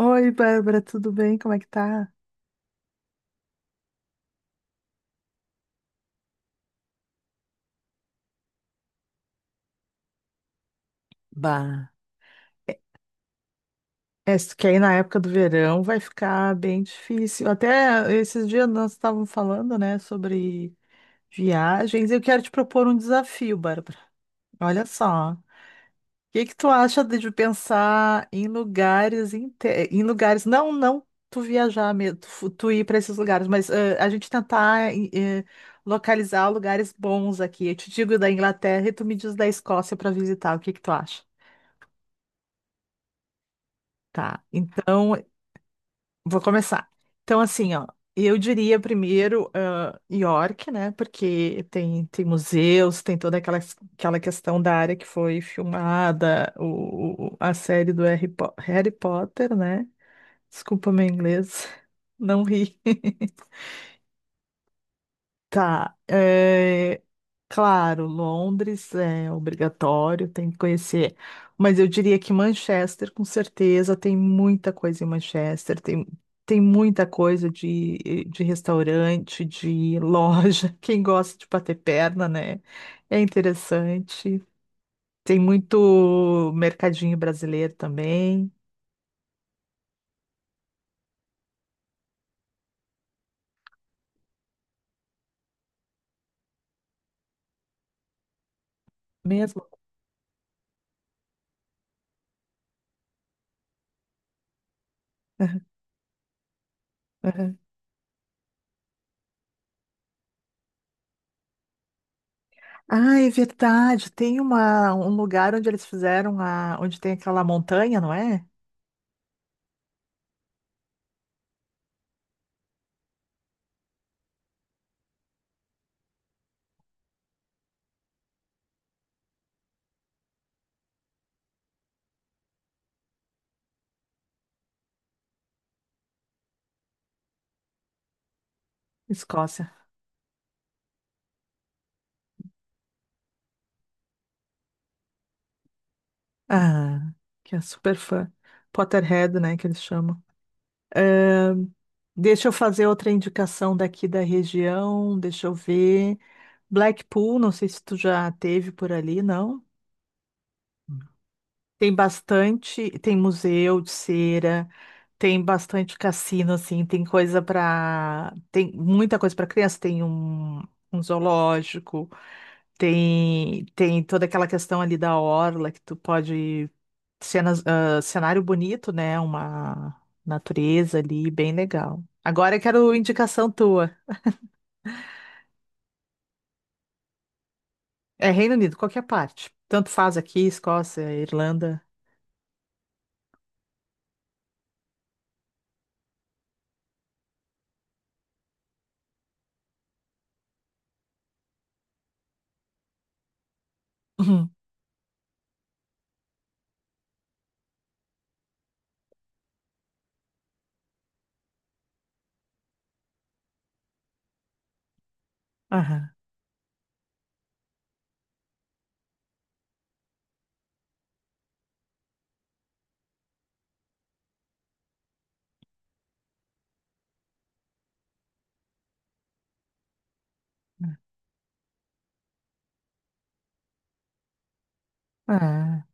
Oi, Bárbara, tudo bem? Como é que tá? Bah. É, isso que aí na época do verão vai ficar bem difícil. Até esses dias nós estávamos falando, né, sobre viagens. Eu quero te propor um desafio, Bárbara. Olha só. O que que tu acha de pensar em lugares, em lugares, não tu viajar mesmo, tu, tu ir para esses lugares, mas a gente tentar localizar lugares bons aqui. Eu te digo da Inglaterra e tu me diz da Escócia para visitar. O que que tu acha? Tá, então vou começar. Então, assim, ó, eu diria primeiro York, né? Porque tem, tem museus, tem toda aquela, aquela questão da área que foi filmada, o, a série do Harry Potter, né? Desculpa meu inglês, não ri. Tá, é, claro, Londres é obrigatório, tem que conhecer, mas eu diria que Manchester, com certeza, tem muita coisa em Manchester, tem, tem muita coisa de restaurante, de loja, quem gosta de bater perna, né? É interessante, tem muito mercadinho brasileiro também, mesmo. Aham. Ah, é verdade, tem uma, um lugar onde eles fizeram a, onde tem aquela montanha, não é? Escócia. Ah, que é super fã. Potterhead, né, que eles chamam. Deixa eu fazer outra indicação daqui da região, deixa eu ver. Blackpool, não sei se tu já teve por ali, não? Tem bastante, tem museu de cera, tem bastante cassino, assim, tem coisa para, tem muita coisa para criança, tem um, um zoológico, tem toda aquela questão ali da orla que tu pode cenas, ah, cenário bonito, né? Uma natureza ali, bem legal. Agora eu quero indicação tua. É Reino Unido, qualquer parte. Tanto faz aqui, Escócia, Irlanda. Uhum. Aham. Ah,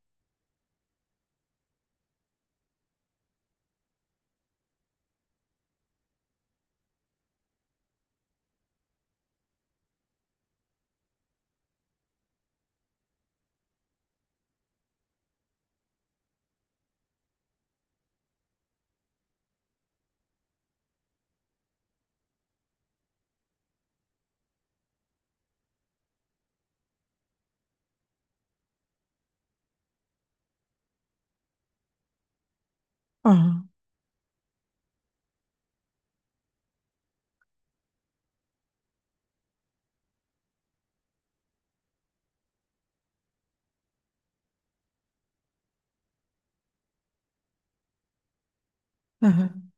aham, aham.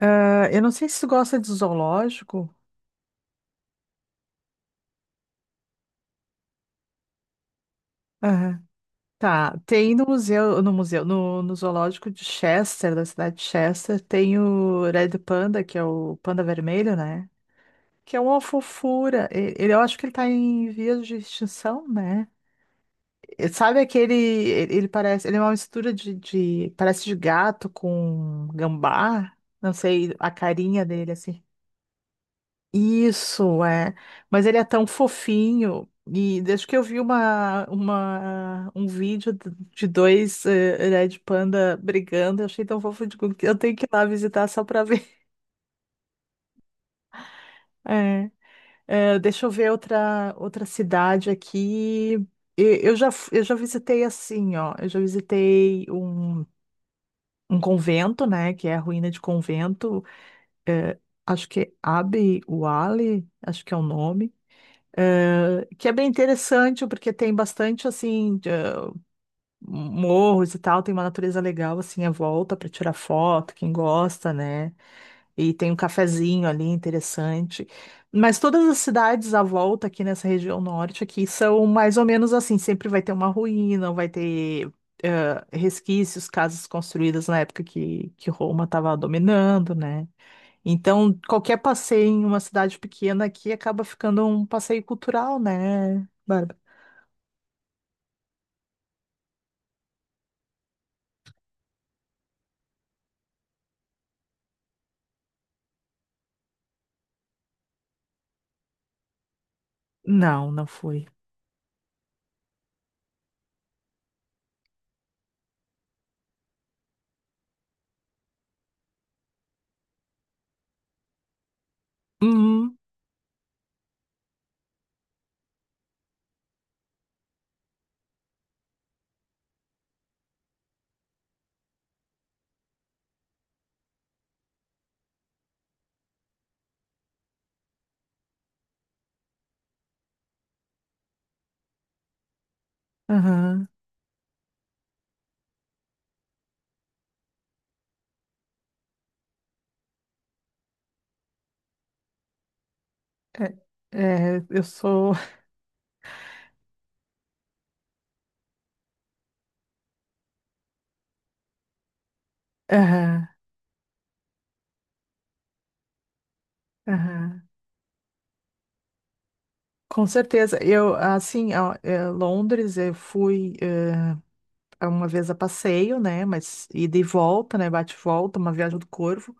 Ah, eu não sei se tu gosta de zoológico. Aham. Tá, tem no museu, no museu, no, no zoológico de Chester, da cidade de Chester, tem o Red Panda, que é o panda vermelho, né? Que é uma fofura. E, ele, eu acho que ele tá em vias de extinção, né? E sabe aquele. Ele parece. Ele é uma mistura de, parece de gato com gambá. Não sei, a carinha dele, assim. Isso, é. Mas ele é tão fofinho. E desde que eu vi uma, um vídeo de dois Red Panda brigando, eu achei tão fofo. Digo, eu tenho que ir lá visitar só pra ver. É. Deixa eu ver outra, outra cidade aqui. E eu já, eu já visitei assim, ó. Eu já visitei um. Um convento, né? Que é a ruína de convento. Eh, acho que é Abbey Wale, acho que é o nome. Que é bem interessante, porque tem bastante, assim, de, morros e tal. Tem uma natureza legal, assim, à volta para tirar foto, quem gosta, né? E tem um cafezinho ali interessante. Mas todas as cidades à volta aqui nessa região norte aqui são mais ou menos assim, sempre vai ter uma ruína, vai ter resquícios, casas construídas na época que Roma estava dominando, né? Então, qualquer passeio em uma cidade pequena aqui acaba ficando um passeio cultural, né, Bárbara? Não, não fui. Uhum, aham. É, é, eu sou. Aham, aham. Com certeza. Eu, assim, ó, eh, Londres, eu fui uma vez a passeio, né? Mas ida e volta, né? Bate e volta, uma viagem do Corvo.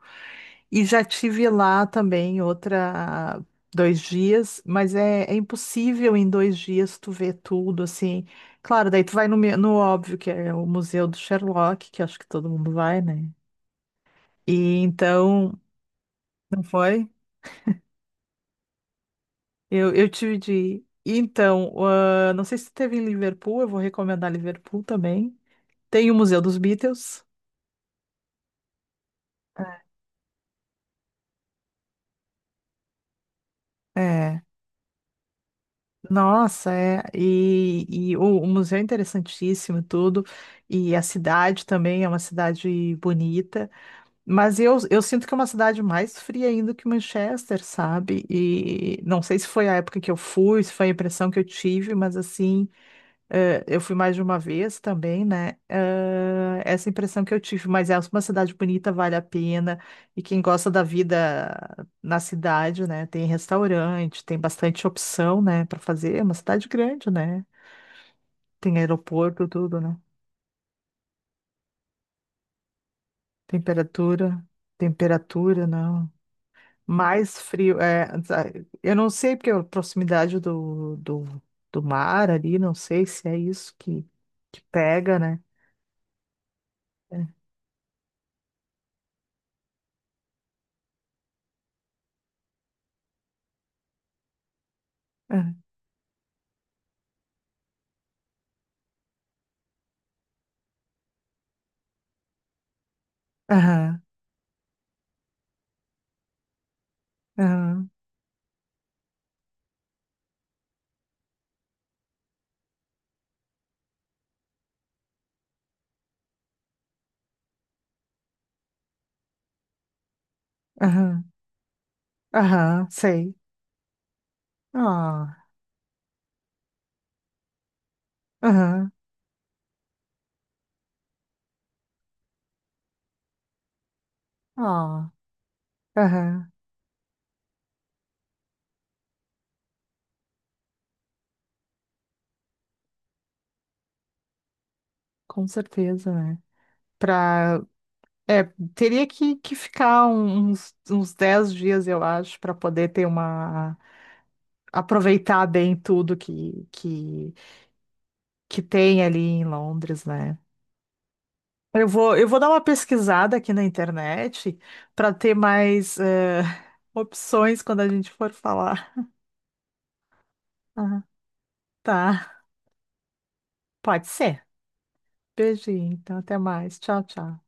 E já tive lá também outra dois dias, mas é, é impossível em dois dias tu ver tudo, assim. Claro, daí tu vai no, no óbvio, que é o Museu do Sherlock, que acho que todo mundo vai, né? E então, não foi? Eu tive de ir. Então, ah, não sei se teve em Liverpool, eu vou recomendar Liverpool também. Tem o Museu dos Beatles. É, nossa, é, e o museu é interessantíssimo e tudo, e a cidade também é uma cidade bonita, mas eu sinto que é uma cidade mais fria ainda que Manchester, sabe? E não sei se foi a época que eu fui, se foi a impressão que eu tive, mas assim, eu fui mais de uma vez também, né? Essa impressão que eu tive, mas é uma cidade bonita, vale a pena. E quem gosta da vida na cidade, né? Tem restaurante, tem bastante opção, né? Para fazer. É uma cidade grande, né? Tem aeroporto, tudo, né? Temperatura, temperatura, não. Mais frio, é, eu não sei porque a proximidade do, do, do mar ali, não sei se é isso que pega, né? Aham, aham, aham. Aham, aham, sei. Ah, aham, ah, aham, com certeza, né? Pra, é, teria que ficar um, uns, uns 10 dias, eu acho, para poder ter uma. Aproveitar bem tudo que tem ali em Londres, né? Eu vou dar uma pesquisada aqui na internet para ter mais opções quando a gente for falar. Ah, tá, pode ser. Beijinho, então até mais. Tchau, tchau.